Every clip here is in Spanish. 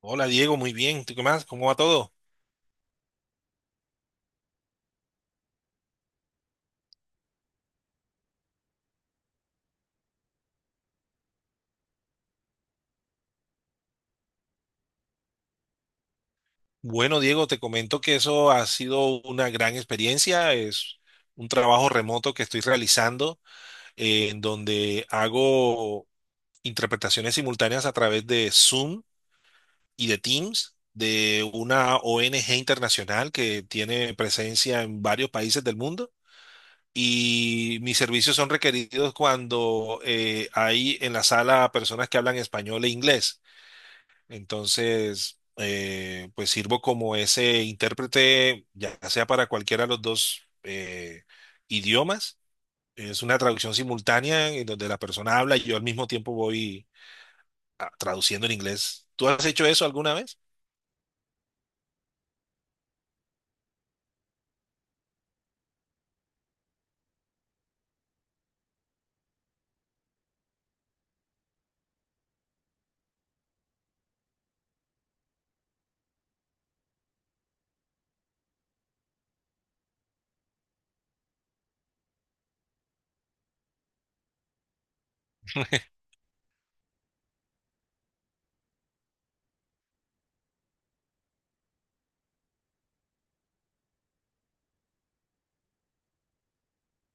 Hola Diego, muy bien. ¿Tú qué más? ¿Cómo va todo? Bueno, Diego, te comento que eso ha sido una gran experiencia. Es un trabajo remoto que estoy realizando en donde hago interpretaciones simultáneas a través de Zoom y de Teams de una ONG internacional que tiene presencia en varios países del mundo. Y mis servicios son requeridos cuando hay en la sala personas que hablan español e inglés. Entonces, pues sirvo como ese intérprete, ya sea para cualquiera de los dos idiomas. Es una traducción simultánea en donde la persona habla y yo al mismo tiempo voy traduciendo en inglés. ¿Tú has hecho eso alguna vez?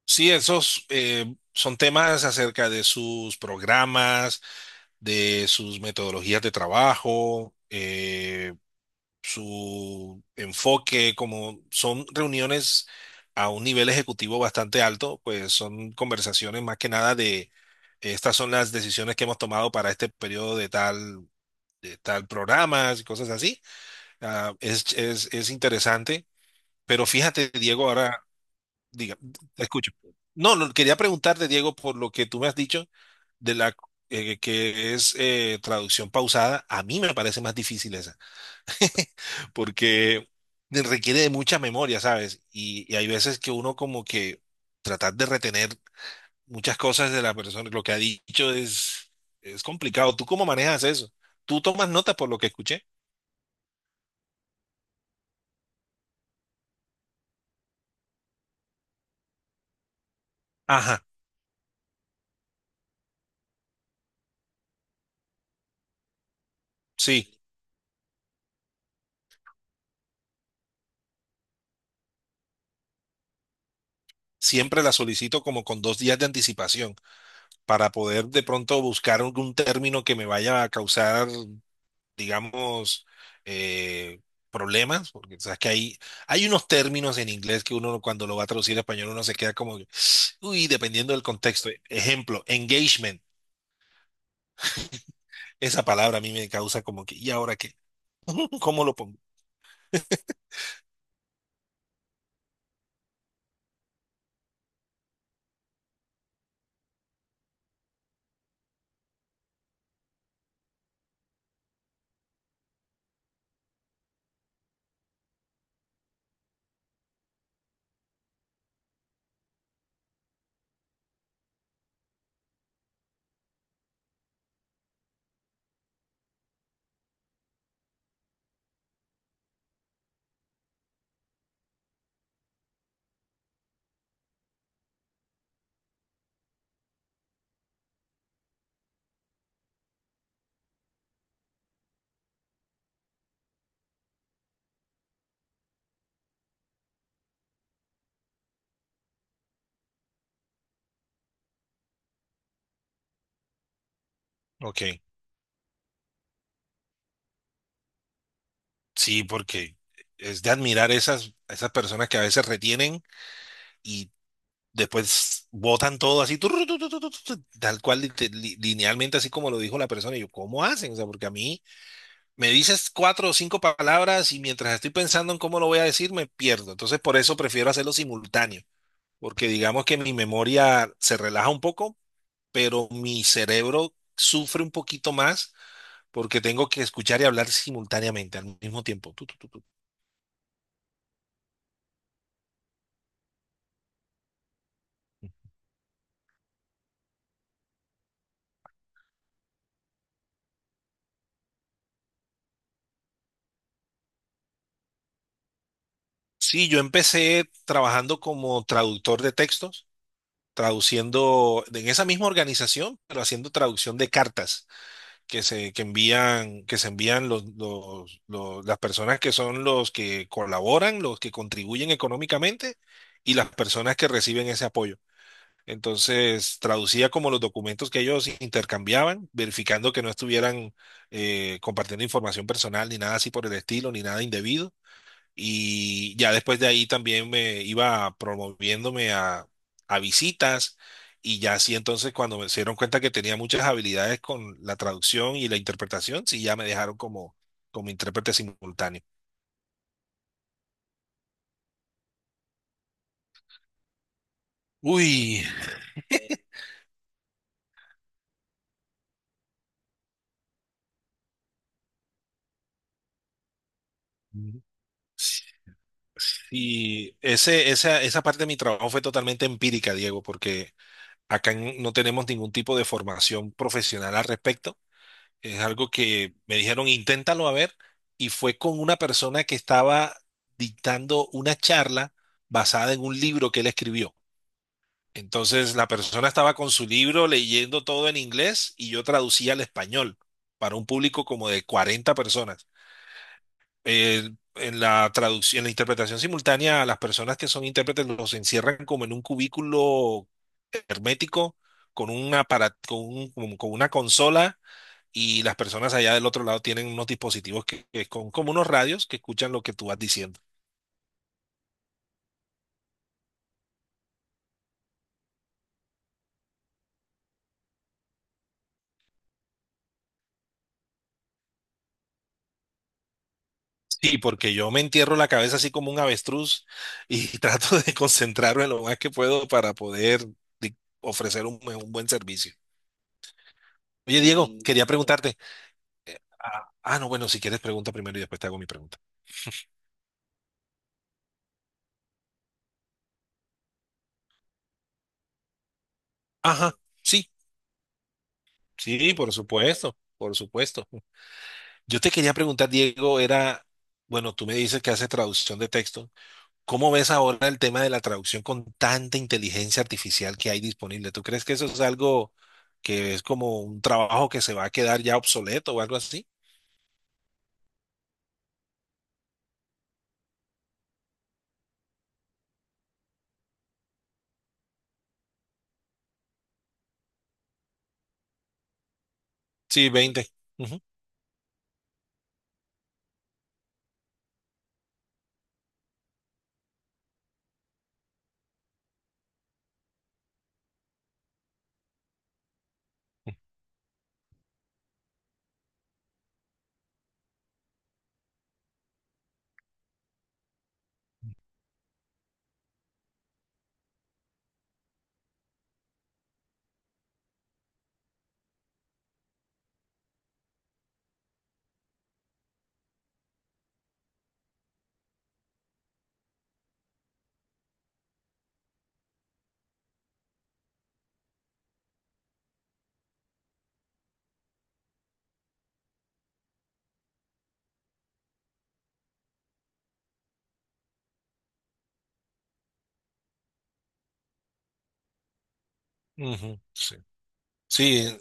Sí, esos son temas acerca de sus programas, de sus metodologías de trabajo. Su enfoque, como son reuniones a un nivel ejecutivo bastante alto, pues son conversaciones más que nada de estas son las decisiones que hemos tomado para este periodo de tal programas y cosas así. Ah, es interesante, pero fíjate, Diego, ahora, diga, te escucho. No, no, quería preguntarte, Diego, por lo que tú me has dicho de la que es traducción pausada, a mí me parece más difícil esa. Porque requiere de mucha memoria, ¿sabes? Y hay veces que uno como que tratar de retener muchas cosas de la persona, lo que ha dicho es complicado. ¿Tú cómo manejas eso? ¿Tú tomas nota por lo que escuché? Ajá, sí. Siempre la solicito como con 2 días de anticipación para poder de pronto buscar algún término que me vaya a causar digamos, eh, problemas, porque sabes que hay unos términos en inglés que uno cuando lo va a traducir a español uno se queda como, que, uy, dependiendo del contexto. Ejemplo, engagement. Esa palabra a mí me causa como que, ¿y ahora qué? ¿Cómo lo pongo? Ok, sí, porque es de admirar esas personas que a veces retienen y después botan todo así, turru, tu, tal cual, linealmente, así como lo dijo la persona. Y yo, ¿cómo hacen? O sea, porque a mí me dices 4 o 5 palabras y mientras estoy pensando en cómo lo voy a decir, me pierdo. Entonces, por eso prefiero hacerlo simultáneo, porque digamos que mi memoria se relaja un poco, pero mi cerebro sufre un poquito más porque tengo que escuchar y hablar simultáneamente al mismo tiempo. Tu, tu, tu, tu. Sí, yo empecé trabajando como traductor de textos, traduciendo en esa misma organización, pero haciendo traducción de cartas. Que se envían las personas que son los que colaboran, los que contribuyen económicamente y las personas que reciben ese apoyo. Entonces, traducía como los documentos que ellos intercambiaban, verificando que no estuvieran compartiendo información personal ni nada así por el estilo, ni nada indebido. Y ya después de ahí también me iba promoviéndome a visitas y ya así entonces cuando me se dieron cuenta que tenía muchas habilidades con la traducción y la interpretación, sí ya me dejaron como intérprete simultáneo. Uy, y esa parte de mi trabajo fue totalmente empírica, Diego, porque no tenemos ningún tipo de formación profesional al respecto. Es algo que me dijeron, inténtalo a ver, y fue con una persona que estaba dictando una charla basada en un libro que él escribió. Entonces, la persona estaba con su libro leyendo todo en inglés y yo traducía al español para un público como de 40 personas. Eh, en la traducción, en la interpretación simultánea, a las personas que son intérpretes los encierran como en un cubículo hermético con una, para- con un- con una consola y las personas allá del otro lado tienen unos dispositivos que con como unos radios que escuchan lo que tú vas diciendo. Sí, porque yo me entierro la cabeza así como un avestruz y trato de concentrarme lo más que puedo para poder di- ofrecer un buen servicio. Oye, Diego, sí, quería preguntarte. Ah, ah, no, bueno, si quieres pregunta primero y después te hago mi pregunta. Ajá, sí, sí, por supuesto, por supuesto. Yo te quería preguntar, Diego, era, bueno, tú me dices que haces traducción de texto. ¿Cómo ves ahora el tema de la traducción con tanta inteligencia artificial que hay disponible? ¿Tú crees que eso es algo que es como un trabajo que se va a quedar ya obsoleto o algo así? Sí, 20. Ujú, ujú, sí. Sí,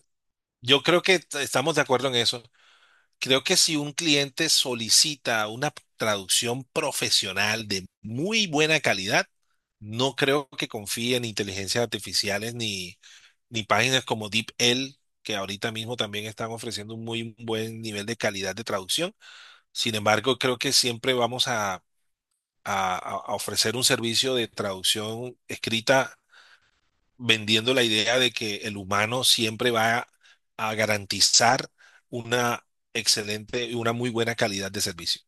yo creo que estamos de acuerdo en eso. Creo que si un cliente solicita una traducción profesional de muy buena calidad, no creo que confíe en inteligencias artificiales ni páginas como DeepL, que ahorita mismo también están ofreciendo un muy buen nivel de calidad de traducción. Sin embargo, creo que siempre vamos a- a ofrecer un servicio de traducción escrita vendiendo la idea de que el humano siempre va a garantizar una excelente y una muy buena calidad de servicio.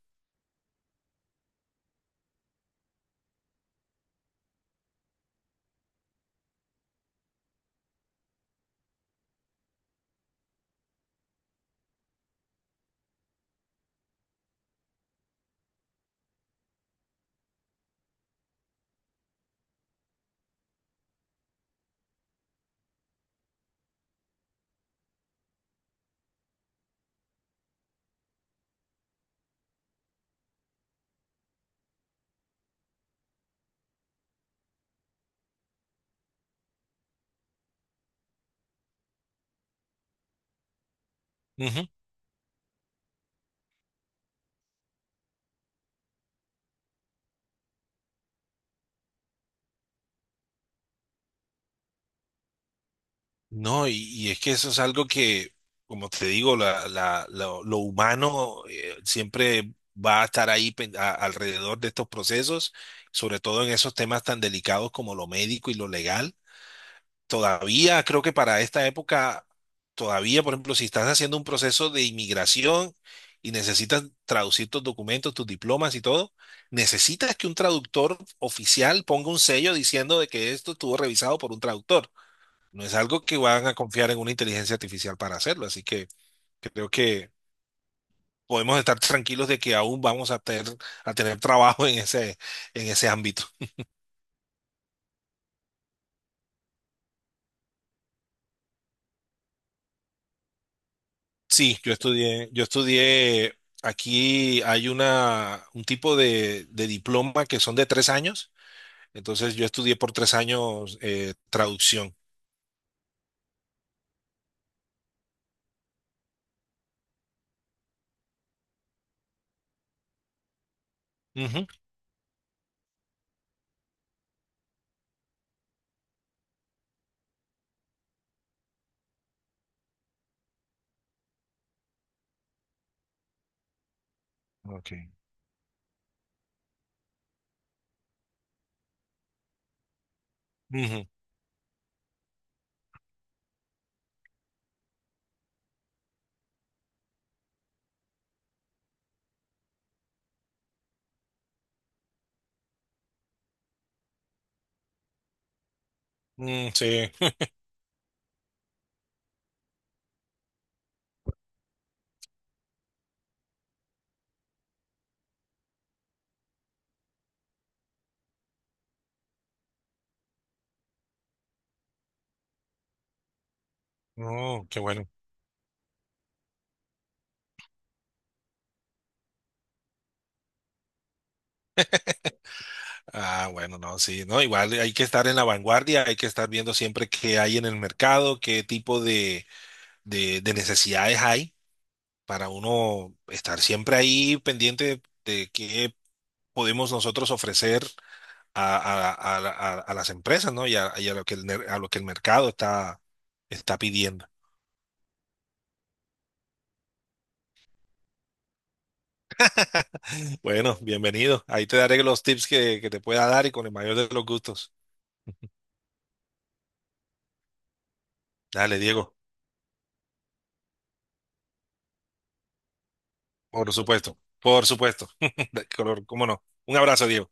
Ujú. No, y es que eso es algo que, como te digo, lo humano siempre va a estar ahí alrededor de estos procesos, sobre todo en esos temas tan delicados como lo médico y lo legal. Todavía creo que para esta época, todavía, por ejemplo, si estás haciendo un proceso de inmigración y necesitas traducir tus documentos, tus diplomas y todo, necesitas que un traductor oficial ponga un sello diciendo de que esto estuvo revisado por un traductor. No es algo que van a confiar en una inteligencia artificial para hacerlo, así que creo que podemos estar tranquilos de que aún vamos a a tener trabajo en ese ámbito. Sí, yo estudié, aquí hay un tipo de diploma que son de 3 años, entonces yo estudié por 3 años traducción. Ujú, ok. Ujú, mm, sí, no, qué bueno. Ah, bueno, no, sí, no, igual hay que estar en la vanguardia, hay que estar viendo siempre qué hay en el mercado, qué tipo de necesidades hay para uno estar siempre ahí pendiente de qué podemos nosotros ofrecer a, a las empresas, ¿no? Y a lo que a lo que el mercado está pidiendo. Bueno, bienvenido. Ahí te daré los tips que te pueda dar y con el mayor de los gustos. Dale, Diego. Por supuesto. Por supuesto. De color, ¿cómo no? Un abrazo, Diego.